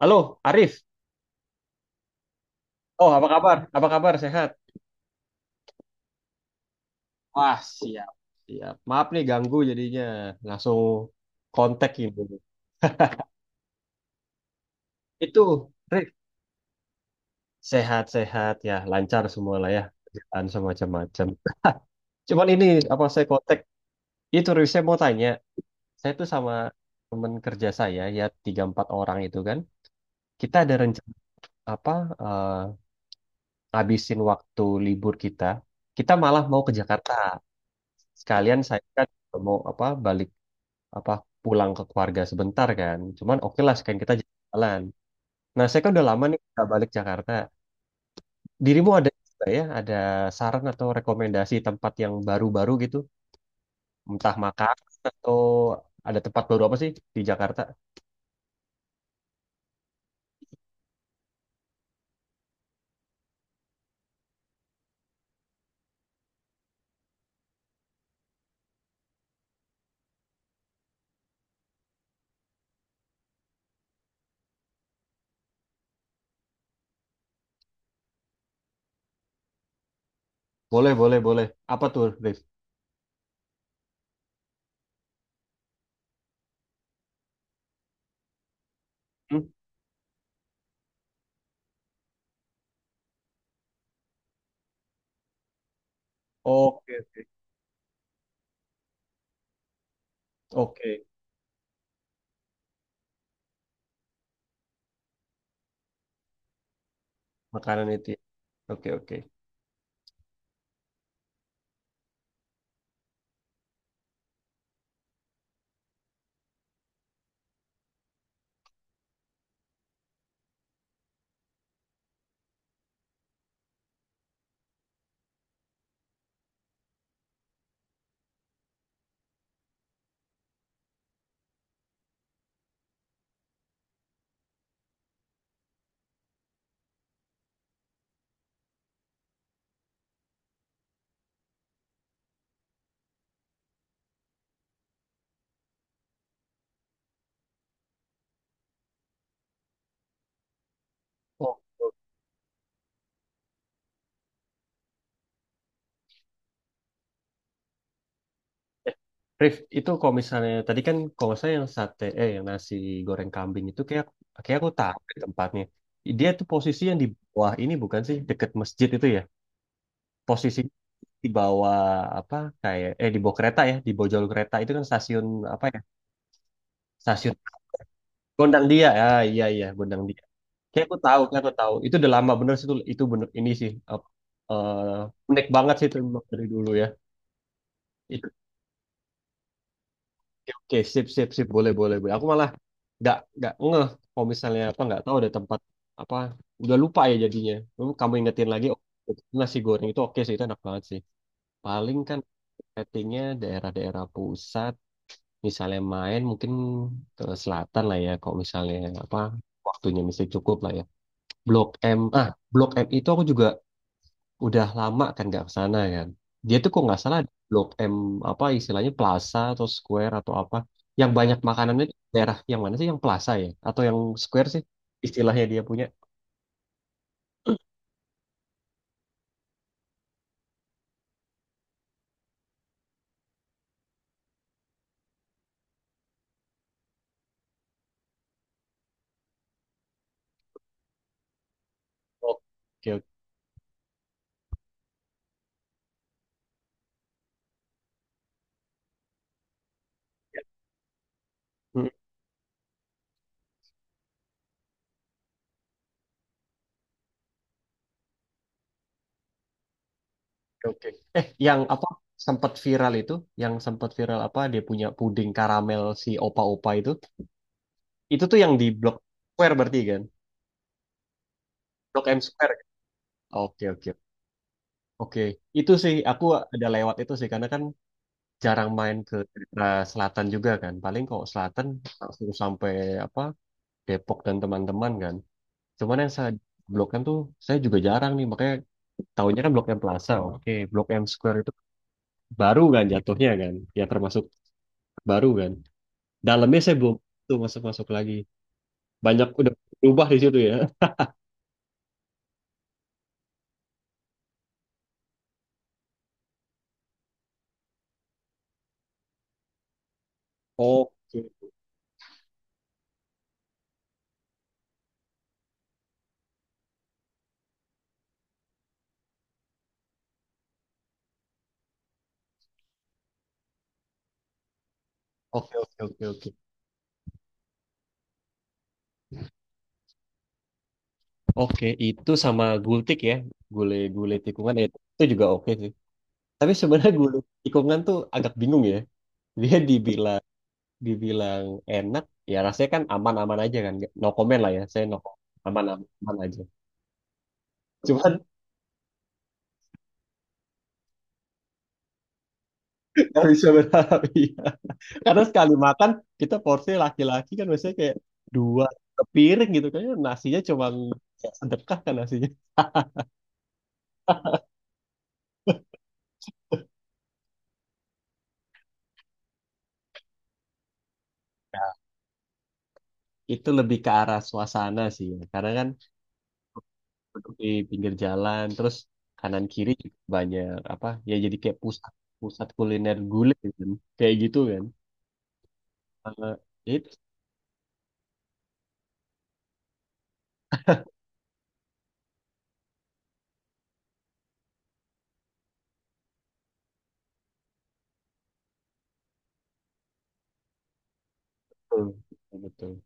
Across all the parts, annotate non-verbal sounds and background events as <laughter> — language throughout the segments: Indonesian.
Halo, Arif. Oh, apa kabar? Apa kabar? Sehat? Wah, siap. Siap. Maaf nih ganggu jadinya. Langsung kontak ini. <laughs> Itu, Arif. Sehat-sehat ya, lancar semua lah ya. Kerjaan semacam macam. <laughs> Cuman ini apa saya kontak? Itu Rif, saya mau tanya. Saya tuh sama temen kerja saya ya tiga empat orang itu kan. Kita ada rencana apa? eh, Ngabisin waktu libur kita. Kita malah mau ke Jakarta. Sekalian saya kan mau apa? Balik apa pulang ke keluarga sebentar kan. Cuman oke lah sekalian kita jalan. Nah, saya kan udah lama nih nggak balik Jakarta. Dirimu ada nggak ya ada saran atau rekomendasi tempat yang baru-baru gitu, entah makan atau ada tempat baru apa sih di Jakarta? Boleh, boleh, boleh. Apa tuh, Rif? Hmm? Oke, oke. Oke, makanan itu, ya. Oke, oke. Oh. Eh, Rif, itu kalau misalnya tadi kan kalau saya yang sate eh yang nasi goreng kambing itu kayak kayak aku tahu deh tempatnya. Dia tuh posisi yang di bawah ini bukan sih deket masjid itu ya? Posisi di bawah apa kayak di bawah kereta ya, di bawah jalur kereta itu kan stasiun apa ya? Stasiun Gondang Dia. Ya, iya iya Gondang Dia. Kayak aku tahu, kayak aku tahu. Itu udah lama bener sih itu bener ini sih unik banget sih itu emang dari dulu ya. Itu. Oke, sip, sip, sip, boleh, boleh, boleh. Aku malah nggak ngeh kalau misalnya apa nggak tahu ada tempat apa udah lupa ya jadinya. Lalu kamu ingetin lagi oh, nasi goreng itu oke sih itu enak banget sih. Paling kan settingnya daerah-daerah pusat, misalnya main mungkin ke selatan lah ya. Kalau misalnya apa waktunya mesti cukup lah ya. Blok M, ah Blok M itu aku juga udah lama kan nggak ke sana kan. Dia tuh kok nggak salah di Blok M apa istilahnya Plaza atau Square atau apa yang banyak makanannya di daerah yang mana sih yang Plaza ya atau yang Square sih istilahnya dia punya. Oke, oke. Hmm, oke. Yang apa sempat viral itu yang sempat viral apa dia punya puding karamel si opa-opa itu tuh yang di Blok Square berarti kan. Blok M Square. Oke, oke. Oke, itu sih aku ada lewat itu sih karena kan jarang main ke daerah selatan juga kan. Paling kalau selatan langsung sampai apa Depok dan teman-teman kan. Cuman yang saya Blok M tuh saya juga jarang nih makanya tahunya kan Blok M Plaza. Oke, Blok M Square itu baru kan jatuhnya kan. Ya termasuk baru kan. Dalamnya saya belum tuh masuk-masuk lagi. Banyak udah berubah di situ ya. Oke. Oke, oke, oke, oke. Oke, itu sama gultik ya. Gulai-gulai tikungan ya, itu juga oke sih. Tapi sebenarnya gulai tikungan tuh agak bingung ya. Dia dibilang dibilang enak ya rasanya kan aman-aman aja kan. No comment lah ya saya no comment. Aman-aman aja cuman <laughs> nggak bisa berharap iya karena sekali makan kita porsi laki-laki kan biasanya kayak dua piring gitu kayaknya nasinya cuma kayak sedekah kan nasinya itu lebih ke arah suasana sih ya. Karena kan duduk di pinggir jalan terus kanan kiri juga banyak apa ya jadi kayak pusat pusat kuliner gulai kan kayak gitu kan. Eh, itu betul.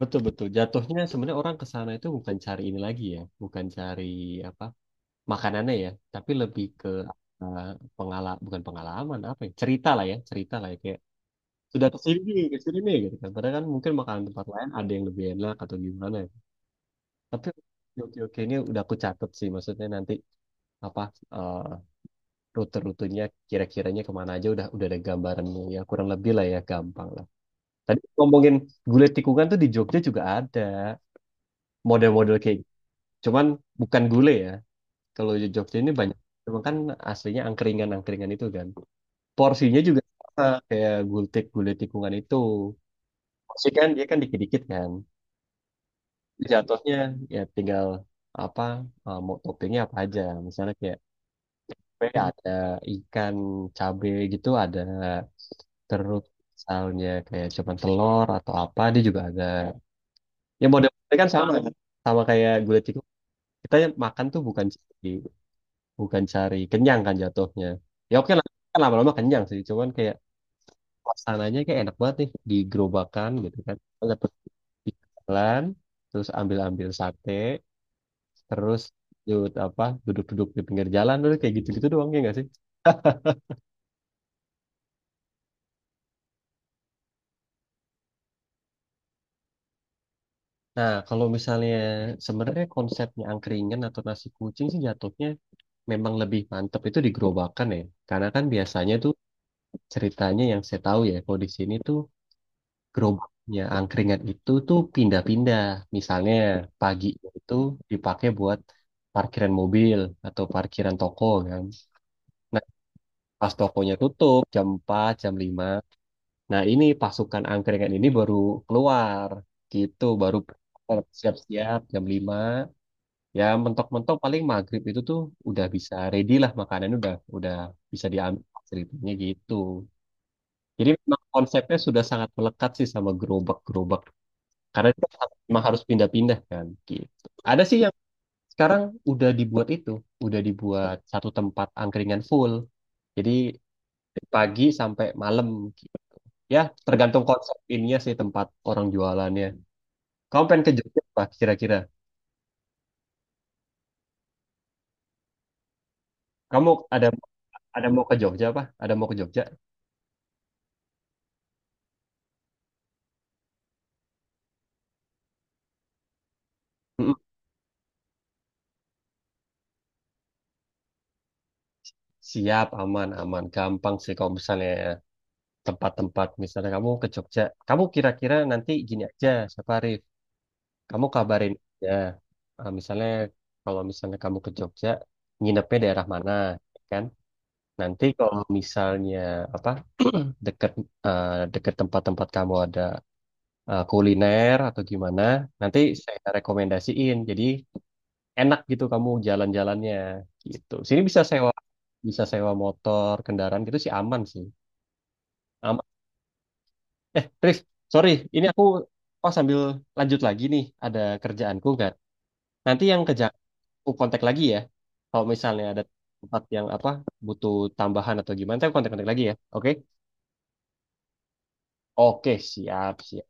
Betul, betul. Jatuhnya sebenarnya orang ke sana itu bukan cari ini lagi ya, bukan cari apa makanannya ya, tapi lebih ke pengalaman bukan pengalaman apa ya, cerita lah ya, cerita lah ya kayak sudah ke sini nih gitu kan. Padahal kan mungkin makanan tempat lain ada yang lebih enak atau gimana, ya. Tapi oke, oke, oke, ini udah aku catat sih maksudnya nanti apa eh, rute-rutenya kira-kiranya kemana aja udah ada gambarannya ya kurang lebih lah ya gampang lah. Tadi ngomongin gulai tikungan tuh di Jogja juga ada model-model kayak. Cuman bukan gulai ya. Kalau di Jogja ini banyak. Cuman kan aslinya angkringan-angkringan itu kan. Porsinya juga sama, kayak gultik, gulai tikungan itu. Porsi kan dia kan dikit-dikit kan. Jatuhnya ya tinggal apa mau toppingnya apa aja. Misalnya kayak kayak ada ikan cabe gitu ada terus misalnya kayak cuman telur atau apa dia juga ada. Ya model kan. Sama kayak gulai tikungan. Kita makan tuh bukan sih, bukan cari kenyang kan jatuhnya ya oke lah kan lama-lama kenyang sih cuman kayak suasananya kayak enak banget nih di gerobakan gitu kan dapet di jalan terus ambil-ambil sate terus duduk-duduk di pinggir jalan terus kayak gitu-gitu doang ya nggak sih. <laughs> Nah, kalau misalnya sebenarnya konsepnya angkringan atau nasi kucing sih jatuhnya memang lebih mantep itu di gerobakan ya. Karena kan biasanya tuh ceritanya yang saya tahu ya, kalau di sini tuh gerobaknya angkringan itu tuh pindah-pindah. Misalnya pagi itu dipakai buat parkiran mobil atau parkiran toko kan. Nah, pas tokonya tutup jam 4 jam 5. Nah, ini pasukan angkringan ini baru keluar gitu, baru siap-siap jam 5. Ya, mentok-mentok paling maghrib itu tuh udah bisa ready lah makanannya udah bisa diambil ceritanya gitu. Jadi memang konsepnya sudah sangat melekat sih sama gerobak-gerobak. Karena itu memang harus pindah-pindah kan gitu. Ada sih yang sekarang udah dibuat itu, udah dibuat satu tempat angkringan full. Jadi dari pagi sampai malam gitu. Ya, tergantung konsep ininya sih tempat orang jualannya. Kamu pengen ke Jogja apa kira-kira? Kamu ada ada mau ke Jogja apa? Ada mau ke Jogja? Mm-mm. Siap, aman, aman. Gampang sih kalau misalnya tempat-tempat misalnya kamu ke Jogja. Kamu kira-kira nanti gini aja, Safari. Kamu kabarin aja. Eh, misalnya Kalau misalnya kamu ke Jogja, nginepnya daerah mana, kan? Nanti kalau misalnya apa deket deket tempat-tempat kamu ada kuliner atau gimana, nanti saya rekomendasiin. Jadi enak gitu kamu jalan-jalannya gitu. Sini bisa sewa motor, kendaraan gitu sih aman sih. Aman. Eh, Rif, sorry, ini aku oh sambil lanjut lagi nih ada kerjaanku nggak? Nanti yang ke Jakarta aku kontak lagi ya. Kalau misalnya ada tempat yang apa butuh tambahan atau gimana, saya kontak-kontak lagi ya. Oke? Oke, siap, siap.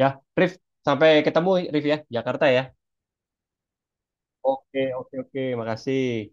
Ya, Rif, sampai ketemu Rif ya, Jakarta ya. Oke, oke, oke. Makasih.